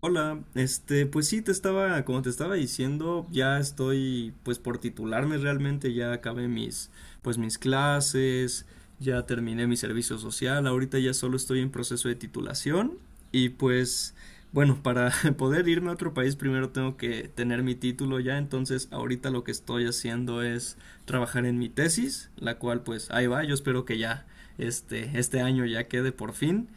Hola, pues sí, como te estaba diciendo, ya estoy, pues por titularme realmente, ya acabé mis clases, ya terminé mi servicio social, ahorita ya solo estoy en proceso de titulación y pues, bueno, para poder irme a otro país primero tengo que tener mi título ya, entonces ahorita lo que estoy haciendo es trabajar en mi tesis, la cual pues ahí va, yo espero que ya, este año ya quede por fin.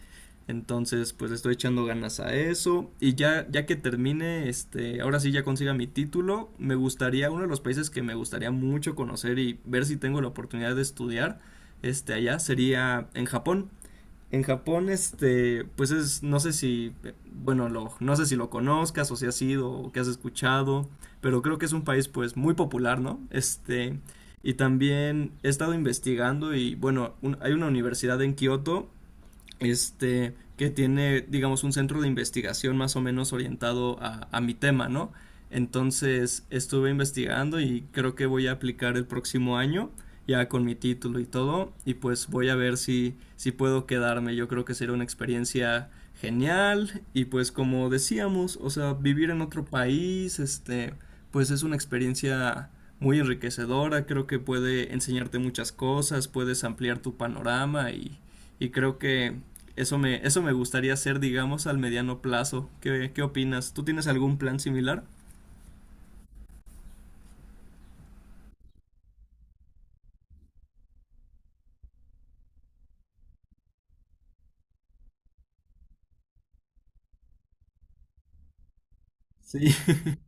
Entonces, pues le estoy echando ganas a eso. Y ya que termine, ahora sí ya consiga mi título, me gustaría, uno de los países que me gustaría mucho conocer y ver si tengo la oportunidad de estudiar, allá sería en Japón. En Japón, pues es, no sé si, bueno, lo, no sé si lo conozcas o si has ido o que has escuchado, pero creo que es un país, pues, muy popular, ¿no? Y también he estado investigando y, bueno, hay una universidad en Kioto, que tiene, digamos, un centro de investigación más o menos orientado a mi tema, ¿no? Entonces estuve investigando y creo que voy a aplicar el próximo año, ya con mi título y todo, y pues voy a ver si puedo quedarme. Yo creo que será una experiencia genial y pues como decíamos, o sea, vivir en otro país, pues es una experiencia muy enriquecedora, creo que puede enseñarte muchas cosas, puedes ampliar tu panorama y creo que eso me gustaría hacer, digamos, al mediano plazo. ¿Qué opinas? ¿Tú tienes algún plan similar? Sí.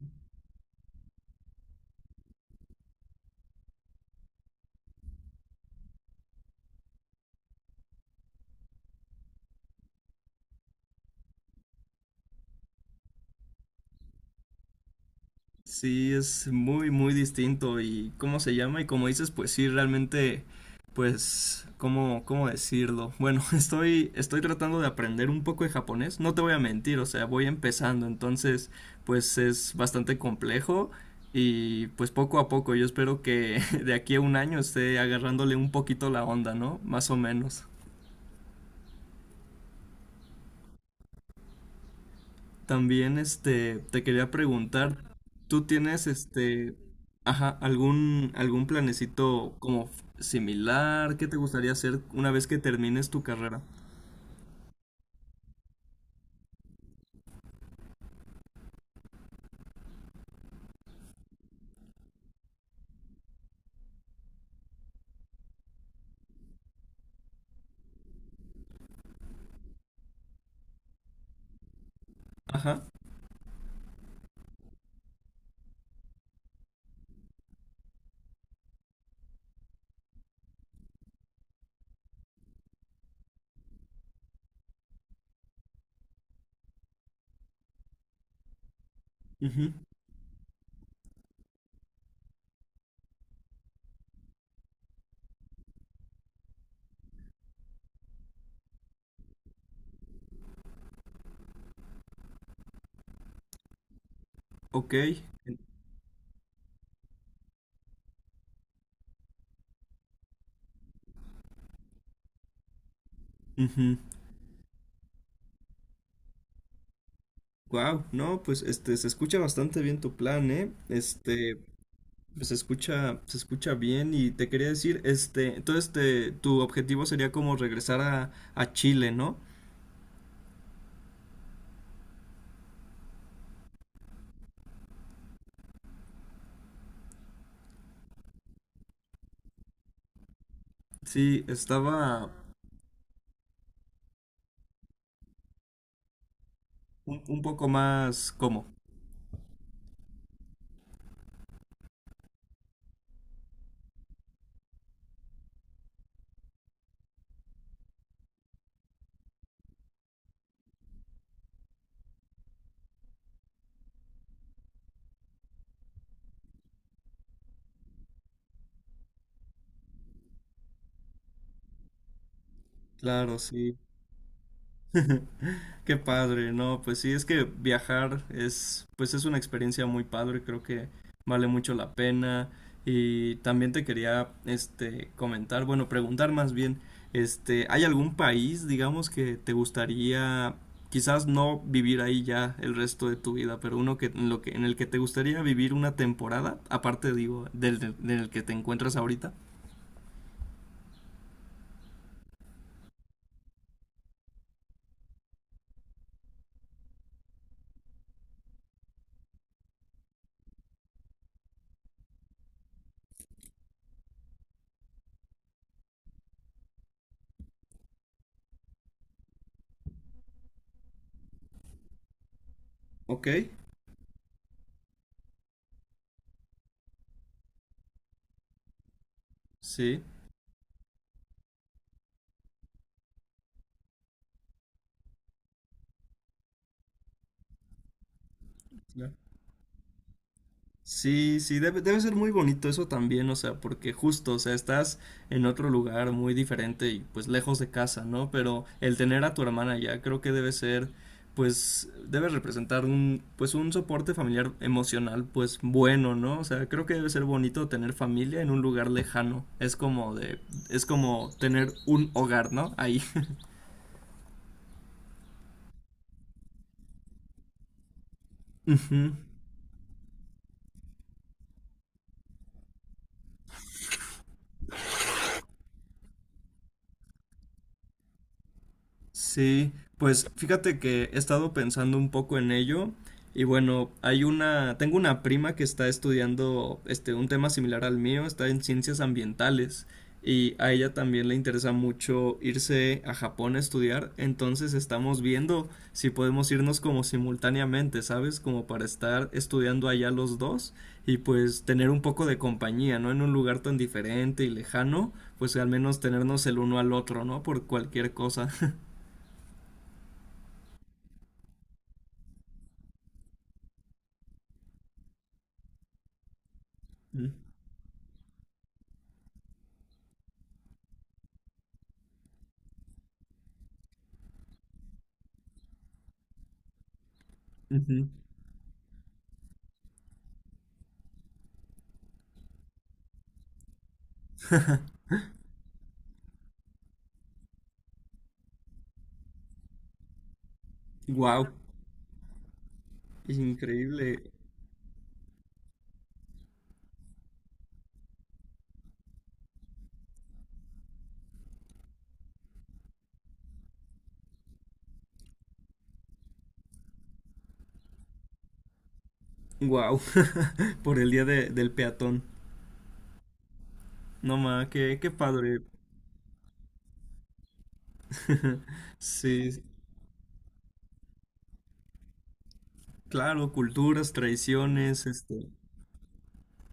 Sí, es muy, muy distinto. ¿Y cómo se llama? Y como dices, pues sí, realmente, pues, ¿cómo decirlo? Bueno, estoy tratando de aprender un poco de japonés. No te voy a mentir, o sea, voy empezando. Entonces, pues es bastante complejo. Y pues poco a poco, yo espero que de aquí a un año esté agarrándole un poquito la onda, ¿no? Más o menos. También, te quería preguntar, ¿tú tienes, ajá, algún planecito como similar? ¿Qué te gustaría hacer una vez que termines tu carrera? Ajá, ujú, ok, wow, no, pues, se escucha bastante bien tu plan, ¿eh? Pues, se escucha bien y te quería decir, entonces, te tu objetivo sería como regresar a Chile, ¿no? Sí, estaba un poco más, ¿cómo? Claro, sí. Qué padre, ¿no? Pues sí, es que viajar es, pues es una experiencia muy padre, creo que vale mucho la pena. Y también te quería, comentar, bueno, preguntar más bien, ¿hay algún país, digamos, que te gustaría, quizás no vivir ahí ya el resto de tu vida, pero uno que, en el que te gustaría vivir una temporada, aparte, digo, del que te encuentras ahorita? Ok, sí. Claro. Sí, sí, debe ser muy bonito eso también, o sea, porque justo, o sea, estás en otro lugar muy diferente y pues lejos de casa, ¿no? Pero el tener a tu hermana ya creo que debe ser, pues, debe representar un, pues, un soporte familiar emocional, pues, bueno, ¿no? O sea, creo que debe ser bonito tener familia en un lugar lejano. Es como tener un hogar, ¿no? Ahí. Ujú. Sí, pues fíjate que he estado pensando un poco en ello y bueno, tengo una prima que está estudiando un tema similar al mío, está en ciencias ambientales y a ella también le interesa mucho irse a Japón a estudiar, entonces estamos viendo si podemos irnos como simultáneamente, ¿sabes? Como para estar estudiando allá los dos y pues tener un poco de compañía, ¿no? En un lugar tan diferente y lejano, pues al menos tenernos el uno al otro, ¿no? Por cualquier cosa. Wow, es increíble. Wow, por el día del peatón. No más, qué, padre. Sí, claro, culturas, tradiciones,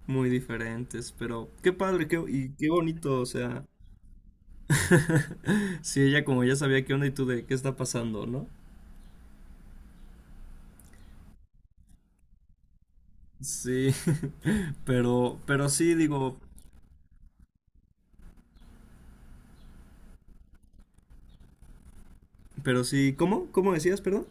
muy diferentes, pero qué padre, qué, y qué bonito, o sea. Sí, ella como ya sabía qué onda y tú de qué está pasando, ¿no? Sí, pero sí, digo, pero sí, ¿cómo? ¿Cómo decías, perdón?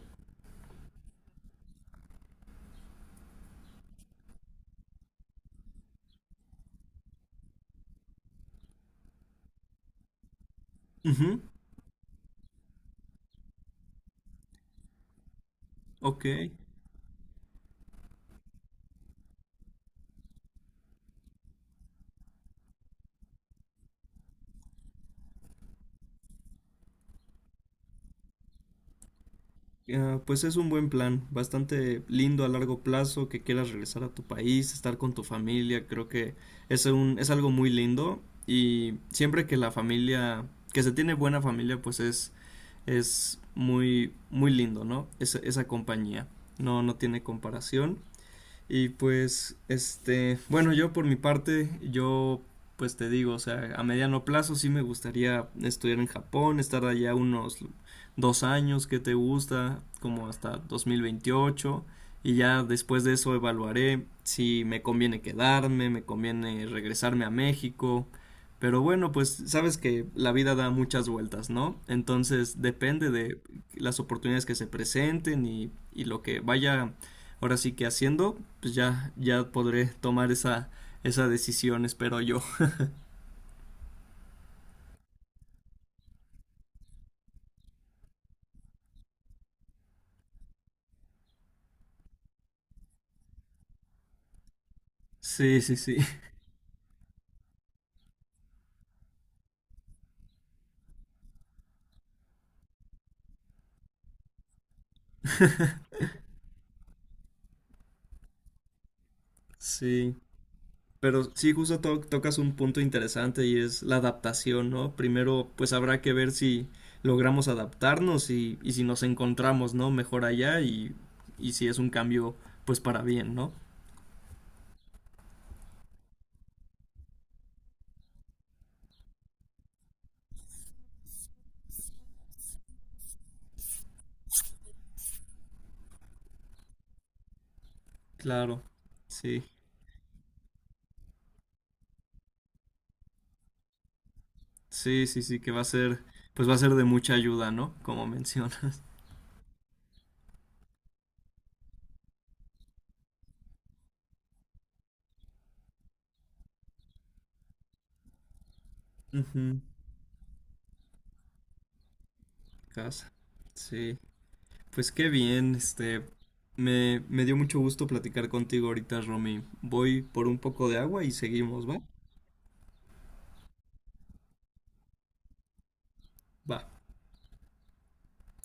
Ujú. Ok. Ah, pues es un buen plan, bastante lindo a largo plazo, que quieras regresar a tu país, estar con tu familia, creo que es algo muy lindo y siempre que la familia, que se tiene buena familia, pues es muy, muy lindo, ¿no? Esa compañía, no, no tiene comparación. Y pues, bueno, yo por mi parte, yo pues te digo, o sea, a mediano plazo sí me gustaría estudiar en Japón, estar allá unos dos años que te gusta, como hasta 2028, y ya después de eso evaluaré si me conviene quedarme, me conviene regresarme a México, pero bueno, pues sabes que la vida da muchas vueltas, ¿no? Entonces depende de las oportunidades que se presenten y lo que vaya ahora sí que haciendo pues ya podré tomar esa decisión, espero yo. Sí, sí, sí, sí. Pero sí, justo tocas un punto interesante y es la adaptación, ¿no? Primero, pues habrá que ver si logramos adaptarnos y si nos encontramos, ¿no? Mejor allá y si es un cambio, pues para bien, ¿no? Claro, sí, sí, sí, sí, que va a ser, pues va a ser de mucha ayuda, ¿no? Como mencionas. Ujú. Casa, sí. Pues qué bien, me dio mucho gusto platicar contigo ahorita, Romy. Voy por un poco de agua y seguimos, ¿va? Va.